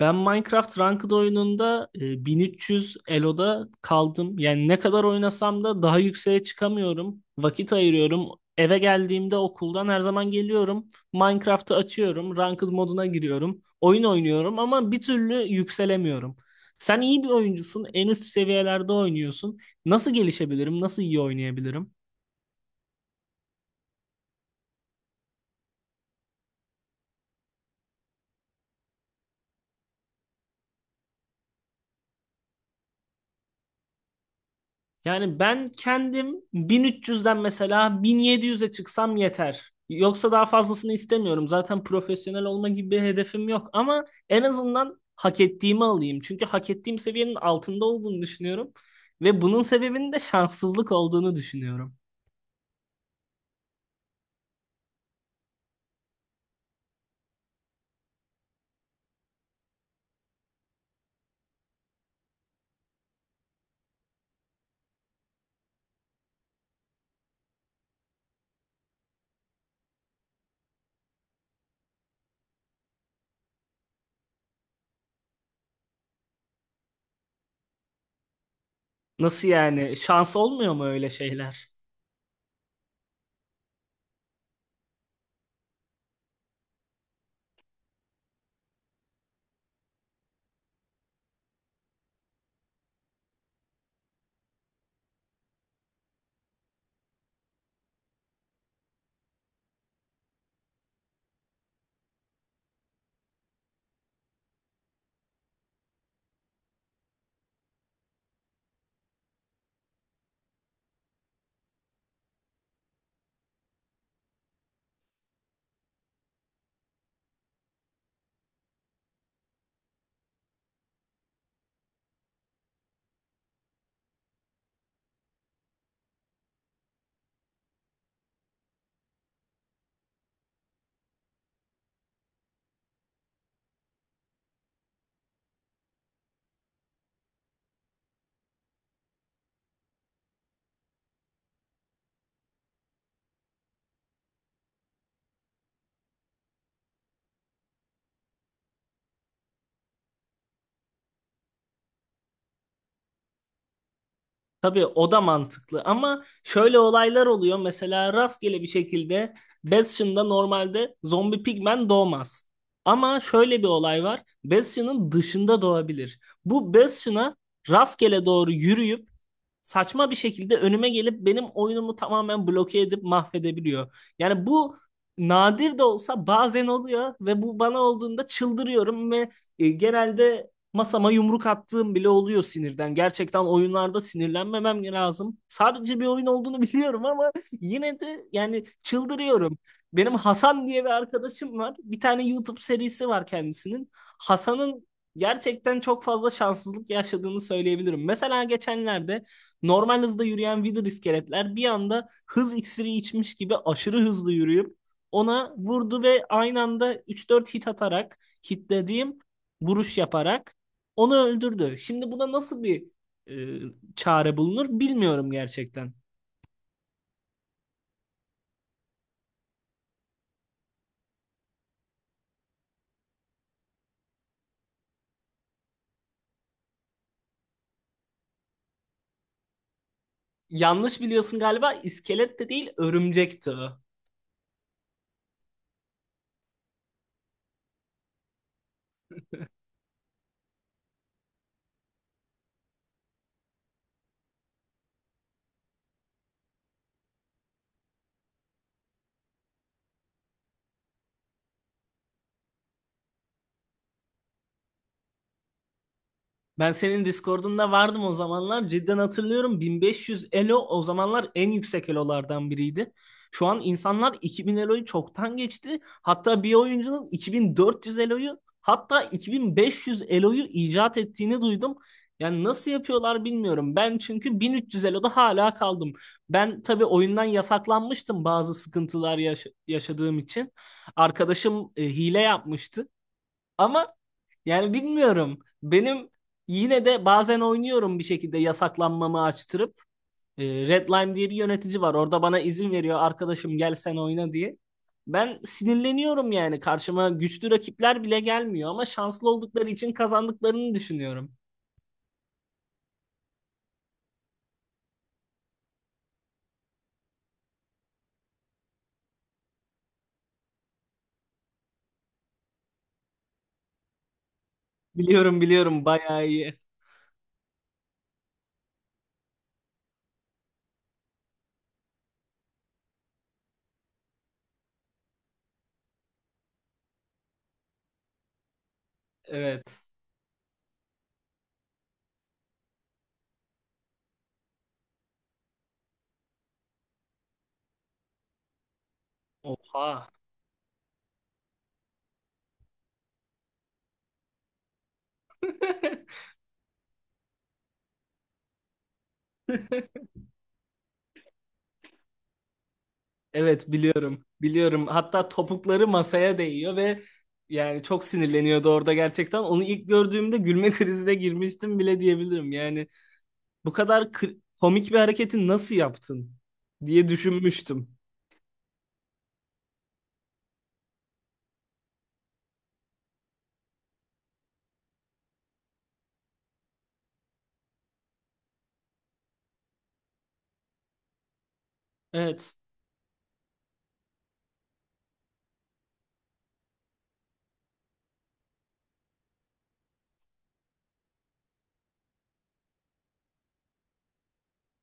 Ben Minecraft Ranked oyununda 1300 Elo'da kaldım. Yani ne kadar oynasam da daha yükseğe çıkamıyorum. Vakit ayırıyorum. Eve geldiğimde okuldan her zaman geliyorum. Minecraft'ı açıyorum. Ranked moduna giriyorum. Oyun oynuyorum ama bir türlü yükselemiyorum. Sen iyi bir oyuncusun. En üst seviyelerde oynuyorsun. Nasıl gelişebilirim? Nasıl iyi oynayabilirim? Yani ben kendim 1300'den mesela 1700'e çıksam yeter. Yoksa daha fazlasını istemiyorum. Zaten profesyonel olma gibi bir hedefim yok ama en azından hak ettiğimi alayım. Çünkü hak ettiğim seviyenin altında olduğunu düşünüyorum ve bunun sebebinin de şanssızlık olduğunu düşünüyorum. Nasıl yani? Şans olmuyor mu öyle şeyler? Tabii o da mantıklı ama şöyle olaylar oluyor. Mesela rastgele bir şekilde Bastion'da normalde zombi pigmen doğmaz. Ama şöyle bir olay var. Bastion'ın dışında doğabilir. Bu Bastion'a rastgele doğru yürüyüp saçma bir şekilde önüme gelip benim oyunumu tamamen bloke edip mahvedebiliyor. Yani bu nadir de olsa bazen oluyor ve bu bana olduğunda çıldırıyorum ve genelde masama yumruk attığım bile oluyor sinirden. Gerçekten oyunlarda sinirlenmemem lazım. Sadece bir oyun olduğunu biliyorum ama yine de yani çıldırıyorum. Benim Hasan diye bir arkadaşım var. Bir tane YouTube serisi var kendisinin. Hasan'ın gerçekten çok fazla şanssızlık yaşadığını söyleyebilirim. Mesela geçenlerde normal hızda yürüyen Wither iskeletler bir anda hız iksiri içmiş gibi aşırı hızlı yürüyüp ona vurdu ve aynı anda üç dört hit atarak hitlediğim vuruş yaparak onu öldürdü. Şimdi buna nasıl bir e, çare bulunur bilmiyorum gerçekten. Yanlış biliyorsun galiba, iskelet de değil örümcekti o. Ben senin Discord'unda vardım o zamanlar. Cidden hatırlıyorum, 1500 elo o zamanlar en yüksek elolardan biriydi. Şu an insanlar 2000 eloyu çoktan geçti. Hatta bir oyuncunun 2400 eloyu hatta 2500 eloyu icat ettiğini duydum. Yani nasıl yapıyorlar bilmiyorum. Ben çünkü 1300 eloda hala kaldım. Ben tabii oyundan yasaklanmıştım bazı sıkıntılar yaşadığım için. Arkadaşım hile yapmıştı. Ama yani bilmiyorum. Benim yine de bazen oynuyorum bir şekilde yasaklanmamı açtırıp. Red Lime diye bir yönetici var. Orada bana izin veriyor arkadaşım, gel sen oyna diye. Ben sinirleniyorum yani. Karşıma güçlü rakipler bile gelmiyor ama şanslı oldukları için kazandıklarını düşünüyorum. Biliyorum, biliyorum, bayağı iyi. Evet. Oha. Evet, biliyorum. Biliyorum. Hatta topukları masaya değiyor ve yani çok sinirleniyordu orada gerçekten. Onu ilk gördüğümde gülme krizine girmiştim bile diyebilirim. Yani bu kadar komik bir hareketi nasıl yaptın diye düşünmüştüm. Evet.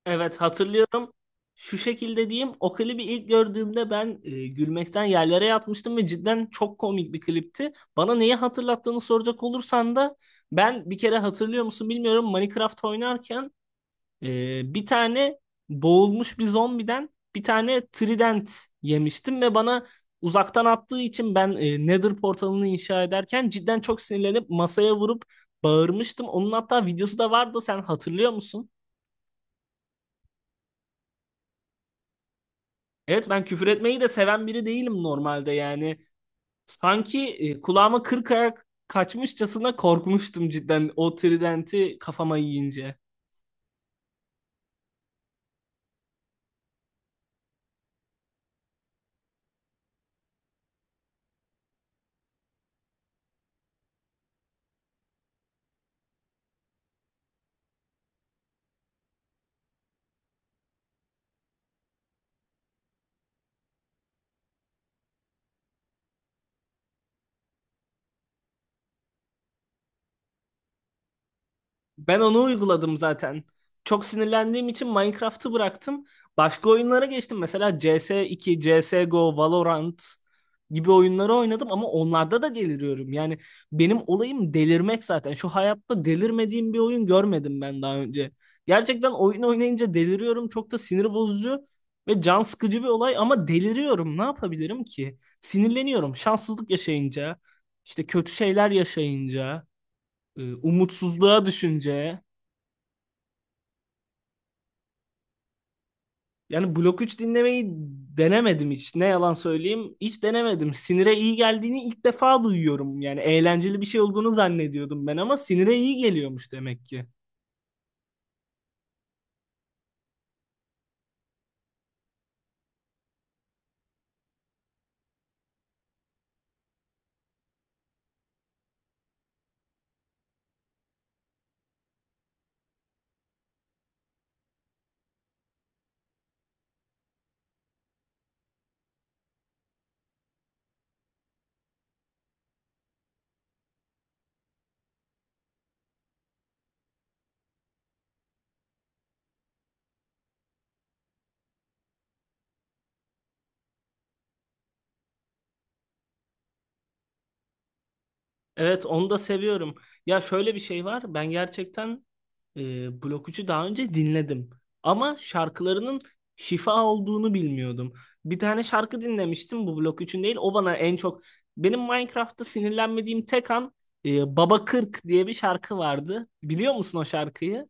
Evet, hatırlıyorum. Şu şekilde diyeyim. O klibi ilk gördüğümde ben gülmekten yerlere yatmıştım ve cidden çok komik bir klipti. Bana neyi hatırlattığını soracak olursan da ben bir kere, hatırlıyor musun bilmiyorum, Minecraft oynarken bir tane boğulmuş bir zombiden bir tane trident yemiştim ve bana uzaktan attığı için ben Nether portalını inşa ederken cidden çok sinirlenip masaya vurup bağırmıştım. Onun hatta videosu da vardı, sen hatırlıyor musun? Evet, ben küfür etmeyi de seven biri değilim normalde yani. Sanki kulağıma kırk ayak kaçmışçasına korkmuştum cidden, o tridenti kafama yiyince. Ben onu uyguladım zaten. Çok sinirlendiğim için Minecraft'ı bıraktım. Başka oyunlara geçtim. Mesela CS2, CSGO, Valorant gibi oyunları oynadım ama onlarda da deliriyorum. Yani benim olayım delirmek zaten. Şu hayatta delirmediğim bir oyun görmedim ben daha önce. Gerçekten oyun oynayınca deliriyorum. Çok da sinir bozucu ve can sıkıcı bir olay ama deliriyorum. Ne yapabilirim ki? Sinirleniyorum. Şanssızlık yaşayınca, işte kötü şeyler yaşayınca, umutsuzluğa düşünce. Yani Blok 3 dinlemeyi denemedim hiç. Ne yalan söyleyeyim. Hiç denemedim. Sinire iyi geldiğini ilk defa duyuyorum. Yani eğlenceli bir şey olduğunu zannediyordum ben ama sinire iyi geliyormuş demek ki. Evet, onu da seviyorum. Ya şöyle bir şey var. Ben gerçekten Blok 3'ü daha önce dinledim. Ama şarkılarının şifa olduğunu bilmiyordum. Bir tane şarkı dinlemiştim bu Blok 3'ün değil. O bana en çok... Benim Minecraft'ta sinirlenmediğim tek an, Baba Kırk diye bir şarkı vardı. Biliyor musun o şarkıyı?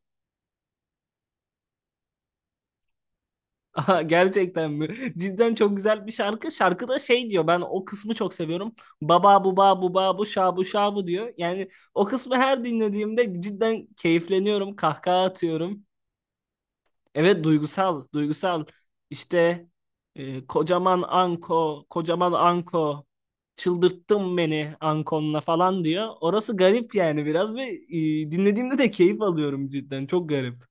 Aha, gerçekten mi? Cidden çok güzel bir şarkı. Şarkıda şey diyor. Ben o kısmı çok seviyorum. Baba bu ba bu ba bu şa bu şa bu diyor. Yani o kısmı her dinlediğimde cidden keyifleniyorum. Kahkaha atıyorum. Evet, duygusal, duygusal. İşte kocaman anko, kocaman anko. Çıldırttın beni ankonla falan diyor. Orası garip yani biraz ve dinlediğimde de keyif alıyorum cidden. Çok garip.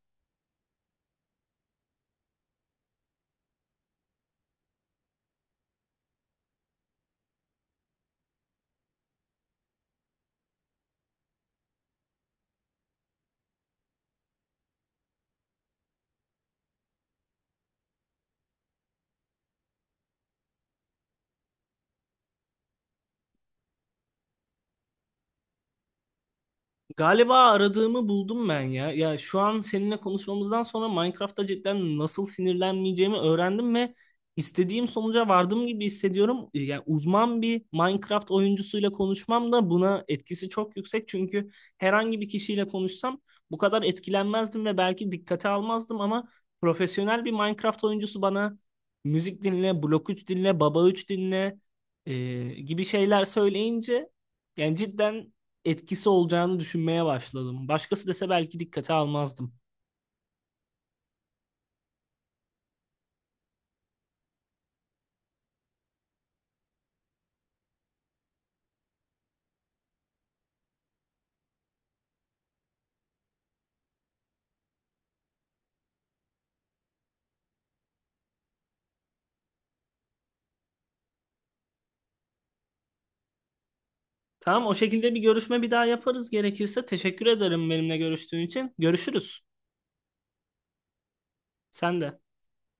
Galiba aradığımı buldum ben ya. Ya şu an seninle konuşmamızdan sonra Minecraft'ta cidden nasıl sinirlenmeyeceğimi öğrendim ve istediğim sonuca vardım gibi hissediyorum. Yani uzman bir Minecraft oyuncusuyla konuşmam da buna etkisi çok yüksek. Çünkü herhangi bir kişiyle konuşsam bu kadar etkilenmezdim ve belki dikkate almazdım ama profesyonel bir Minecraft oyuncusu bana müzik dinle, blok 3 dinle, baba 3 dinle gibi şeyler söyleyince yani cidden etkisi olacağını düşünmeye başladım. Başkası dese belki dikkate almazdım. Tamam, o şekilde bir görüşme bir daha yaparız gerekirse. Teşekkür ederim benimle görüştüğün için. Görüşürüz. Sen de.